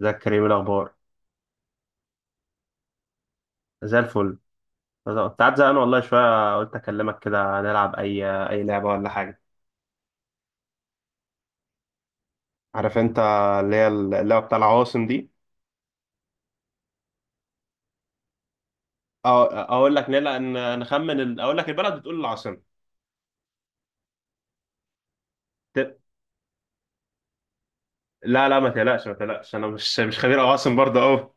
ازيك يا كريم؟ إيه الاخبار؟ زي الفل. كنت قاعد زهقان والله شويه، قلت اكلمك كده نلعب اي لعبه ولا حاجه. عارف انت اللي هي اللعبه بتاع العواصم دي؟ أو اقول لك نلا ان نخمن اقول لك البلد بتقول العاصمه. ت- لا، ما تقلقش، انا مش خبير عواصم برضه اهو.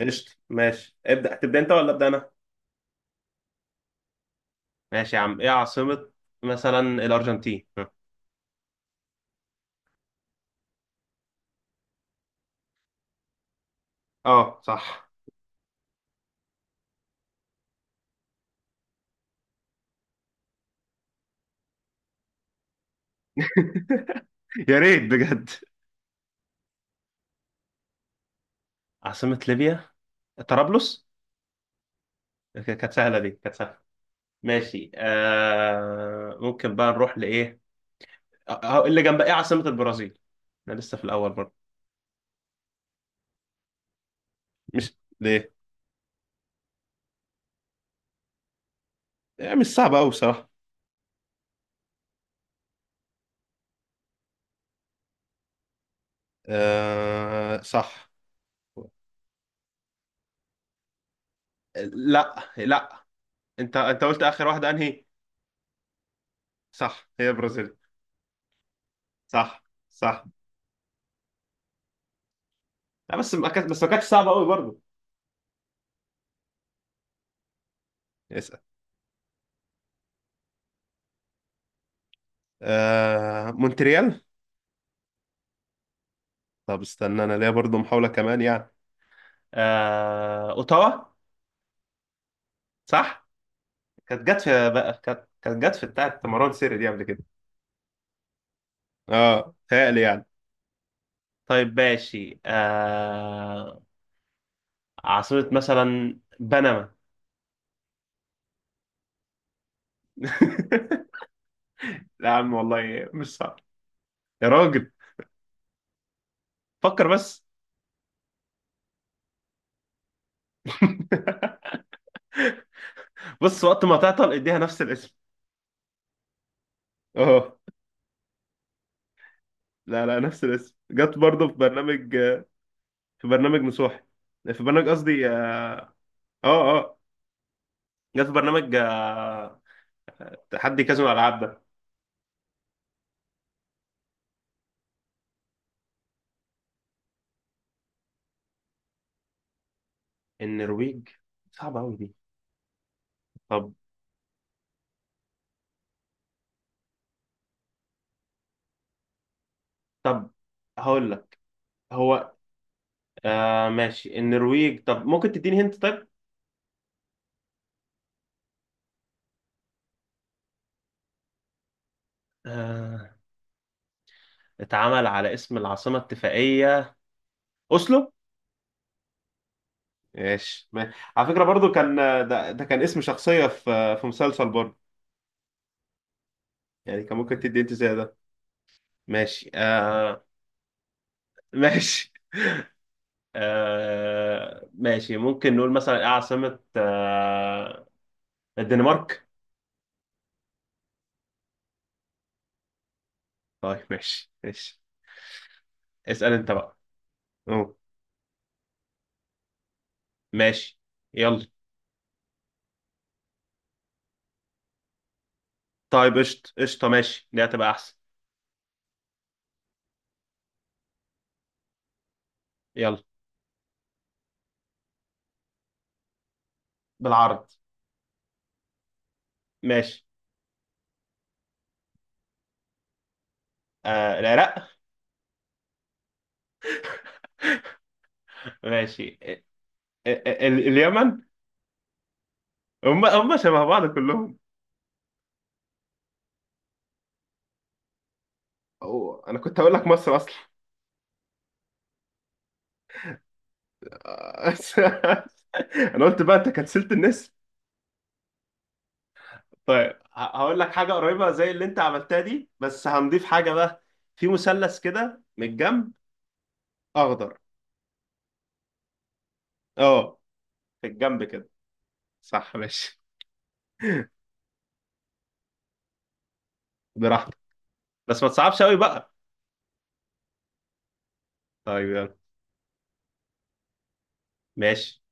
قشطه ماشي، ابدا تبدا انت ولا ابدا انا؟ ماشي يا عم، ايه عاصمه مثلا الارجنتين؟ اه صح. يا ريت بجد. عاصمه ليبيا طرابلس. كانت سهله دي، كانت سهله. ماشي آه، ممكن بقى نروح لإيه، آه، اللي جنب إيه عاصمة البرازيل؟ أنا لسه في الأول برضه. مش ليه؟ يعني مش صعب أوي بصراحة. آه صح. لا، أنت قلت آخر واحدة أنهي؟ صح، هي برازيل. صح، صح. لا بس ما كانتش صعبة أوي برضه. اسأل. آه مونتريال. طب استنى، أنا ليا برضو محاولة كمان يعني. أوتاوا. صح. كانت جت في بقى، كانت جت في بتاعة مروان سيري دي قبل كده. اه تهيألي يعني. طيب ماشي عاصمة مثلا بنما. لا يا عم والله مش صعب. يا راجل، فكر بس. بص، وقت ما تعطل اديها نفس الاسم. اه. لا، نفس الاسم جت برضه في برنامج، في برنامج نصوحي في برنامج، قصدي اه. اه جت في برنامج تحدي كازينو الالعاب ده. النرويج؟ صعبة أوي دي. طب، طب هقول لك. هو ماشي النرويج، طب ممكن تديني هنت طيب؟ آه، اتعمل على اسم العاصمة الاتفاقية. أوسلو. ماشي، على فكرة برضو كان ده، ده كان اسم شخصية في مسلسل برضو. يعني كان ممكن تدي انت زي ده. ماشي آه. ماشي، ماشي ممكن نقول مثلا إيه عاصمة الدنمارك. طيب ماشي ماشي، اسأل انت بقى. أوه. ماشي. يلا. طيب قشطة قشطة ماشي، دي هتبقى أحسن. يلا. بالعرض. ماشي. آه العراق. ماشي اليمن. هم، هم شبه بعض كلهم. هو انا كنت هقول لك مصر اصلا. انا قلت بقى انت كنسلت النسر. طيب هقول لك حاجه قريبه زي اللي انت عملتها دي بس هنضيف حاجه بقى. في مثلث كده من الجنب. اخضر. اه في الجنب كده. صح ماشي. براحتك، بس ما تصعبش قوي بقى. طيب يلا. ماشي.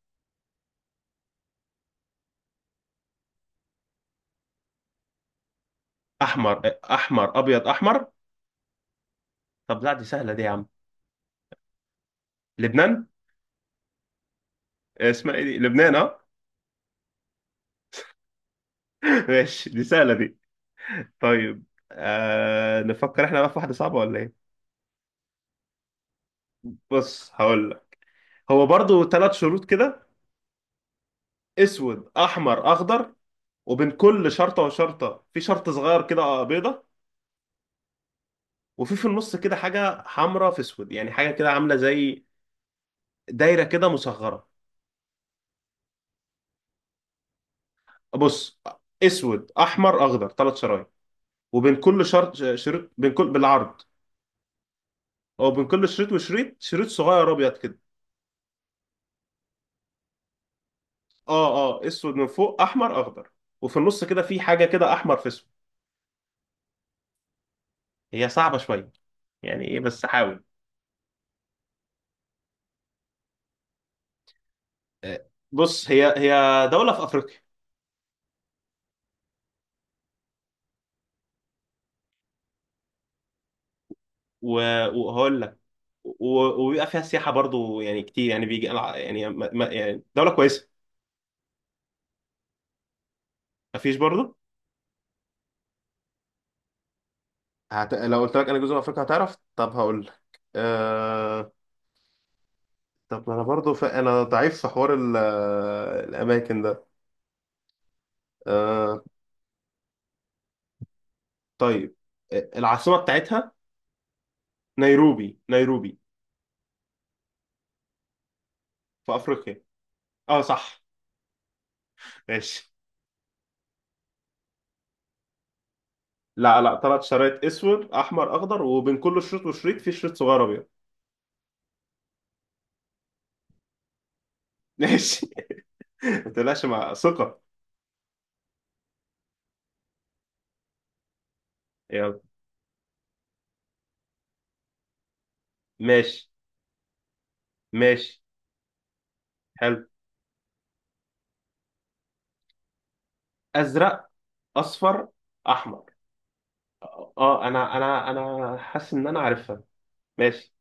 احمر، احمر ابيض احمر. طب لا دي سهله دي يا عم. لبنان. اسمها ايه دي؟ لبنان اه. ماشي دي سهله دي. طيب آه، نفكر احنا بقى في واحده صعبه ولا ايه. بص هقول لك، هو برضو ثلاث شروط كده. اسود احمر اخضر، وبين كل شرطه وشرطه في شرط صغير كده بيضه. وفي في النص كده حاجه حمراء في اسود، يعني حاجه كده عامله زي دايره كده مصغره. بص، اسود احمر اخضر ثلاث شرايط، وبين كل شرط شريط، بين كل بالعرض. او بين كل شريط وشريط شريط صغير ابيض كده. اه، اه اسود من فوق احمر اخضر. وفي النص كده في حاجه كده احمر في اسود. هي صعبه شويه، يعني ايه بس حاول. بص، هي دولة في أفريقيا. وهقول لك، و- وبيبقى فيها سياحة برضو يعني كتير يعني بيجي، يعني يعني دولة كويسة. مفيش برضو. لو قلت لك أنا جزء من أفريقيا هتعرف، طب هقول لك أه... طب ما أنا برضو أنا ضعيف في حوار الأماكن ده. أه... طيب العاصمة بتاعتها نيروبي، نيروبي. في أفريقيا. أه صح. ماشي. لا، ثلاث شرايط اسود احمر اخضر، وبين كل شريط وشريط في شريط صغير ابيض. ماشي. ما تقلقش مع ثقة. يلا. ماشي. ماشي. حلو. أزرق أصفر أحمر. اه، انا حاسس ان انا عارفها. ماشي.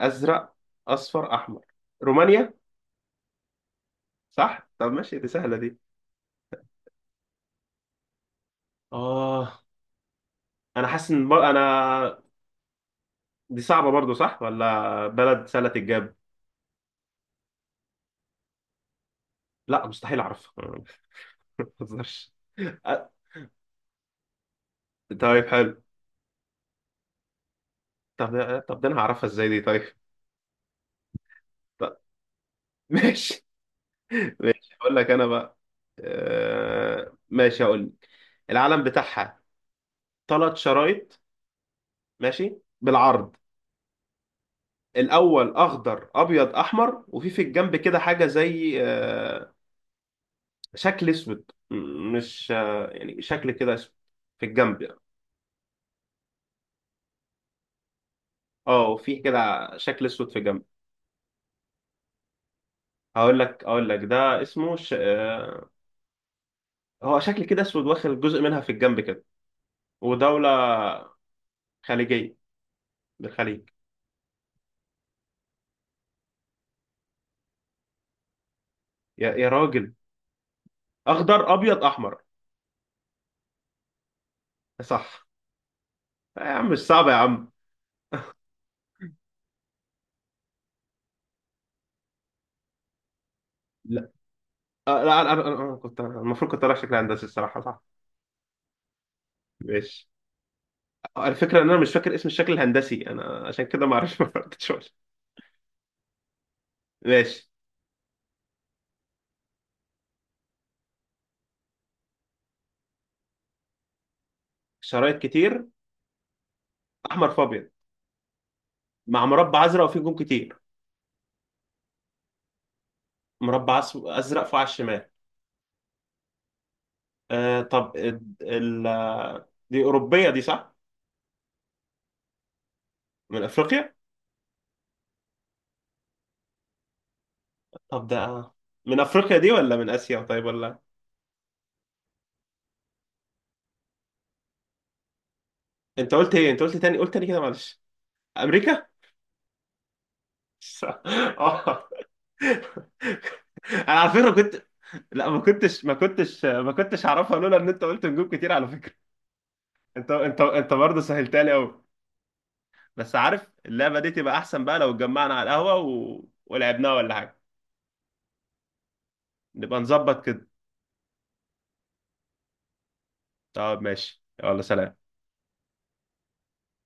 ازرق اصفر احمر. رومانيا. صح طب ماشي دي سهله دي. اه، انا حاسس ان انا دي صعبه برضو صح ولا بلد سهله الجاب. لا مستحيل اعرفها. ما بهزرش. أ- طيب حلو. طب طب ده انا هعرفها ازاي دي طيب. طب ماشي. ماشي هقول لك انا بقى. ماشي هقول لك العلم بتاعها ثلاث شرايط، ماشي بالعرض. الاول اخضر ابيض احمر، وفي في الجنب كده حاجه زي شكل اسود مش يعني شكل كده اسود في الجنب يعني. اه وفي كده شكل اسود في الجنب. هقول لك، اقول لك ده اسمه هو شكل كده اسود واخد جزء منها في الجنب كده. ودوله خليجيه، بالخليج. يا، يا راجل. اخضر ابيض احمر. صح. آه يا عم مش صعب يا عم. لا لا انا، أنا كنت المفروض كنت رايح شكل هندسي الصراحه صح. ماشي. الفكره ان انا مش فاكر اسم الشكل الهندسي انا، عشان كده ما اعرفش ما فرقتش ولا- ماشي. شرايط كتير احمر في ابيض مع مربع ازرق وفيه جون كتير. ازرق فوق على الشمال. آه طب دي اوروبيه دي صح؟ من افريقيا. طب ده من افريقيا دي ولا من اسيا طيب، ولا؟ انت قلت ايه؟ انت قلت تاني، قلت تاني كده معلش. امريكا. اه. انا على فكره كنت، لا ما كنتش ما كنتش اعرفها لولا ان انت قلت نجوم كتير على فكره. انت برضه سهلتها لي قوي. بس عارف اللعبه دي تبقى احسن بقى لو اتجمعنا على القهوه ولعبناها ولا حاجه. نبقى نظبط كده. طب ماشي يلا سلام.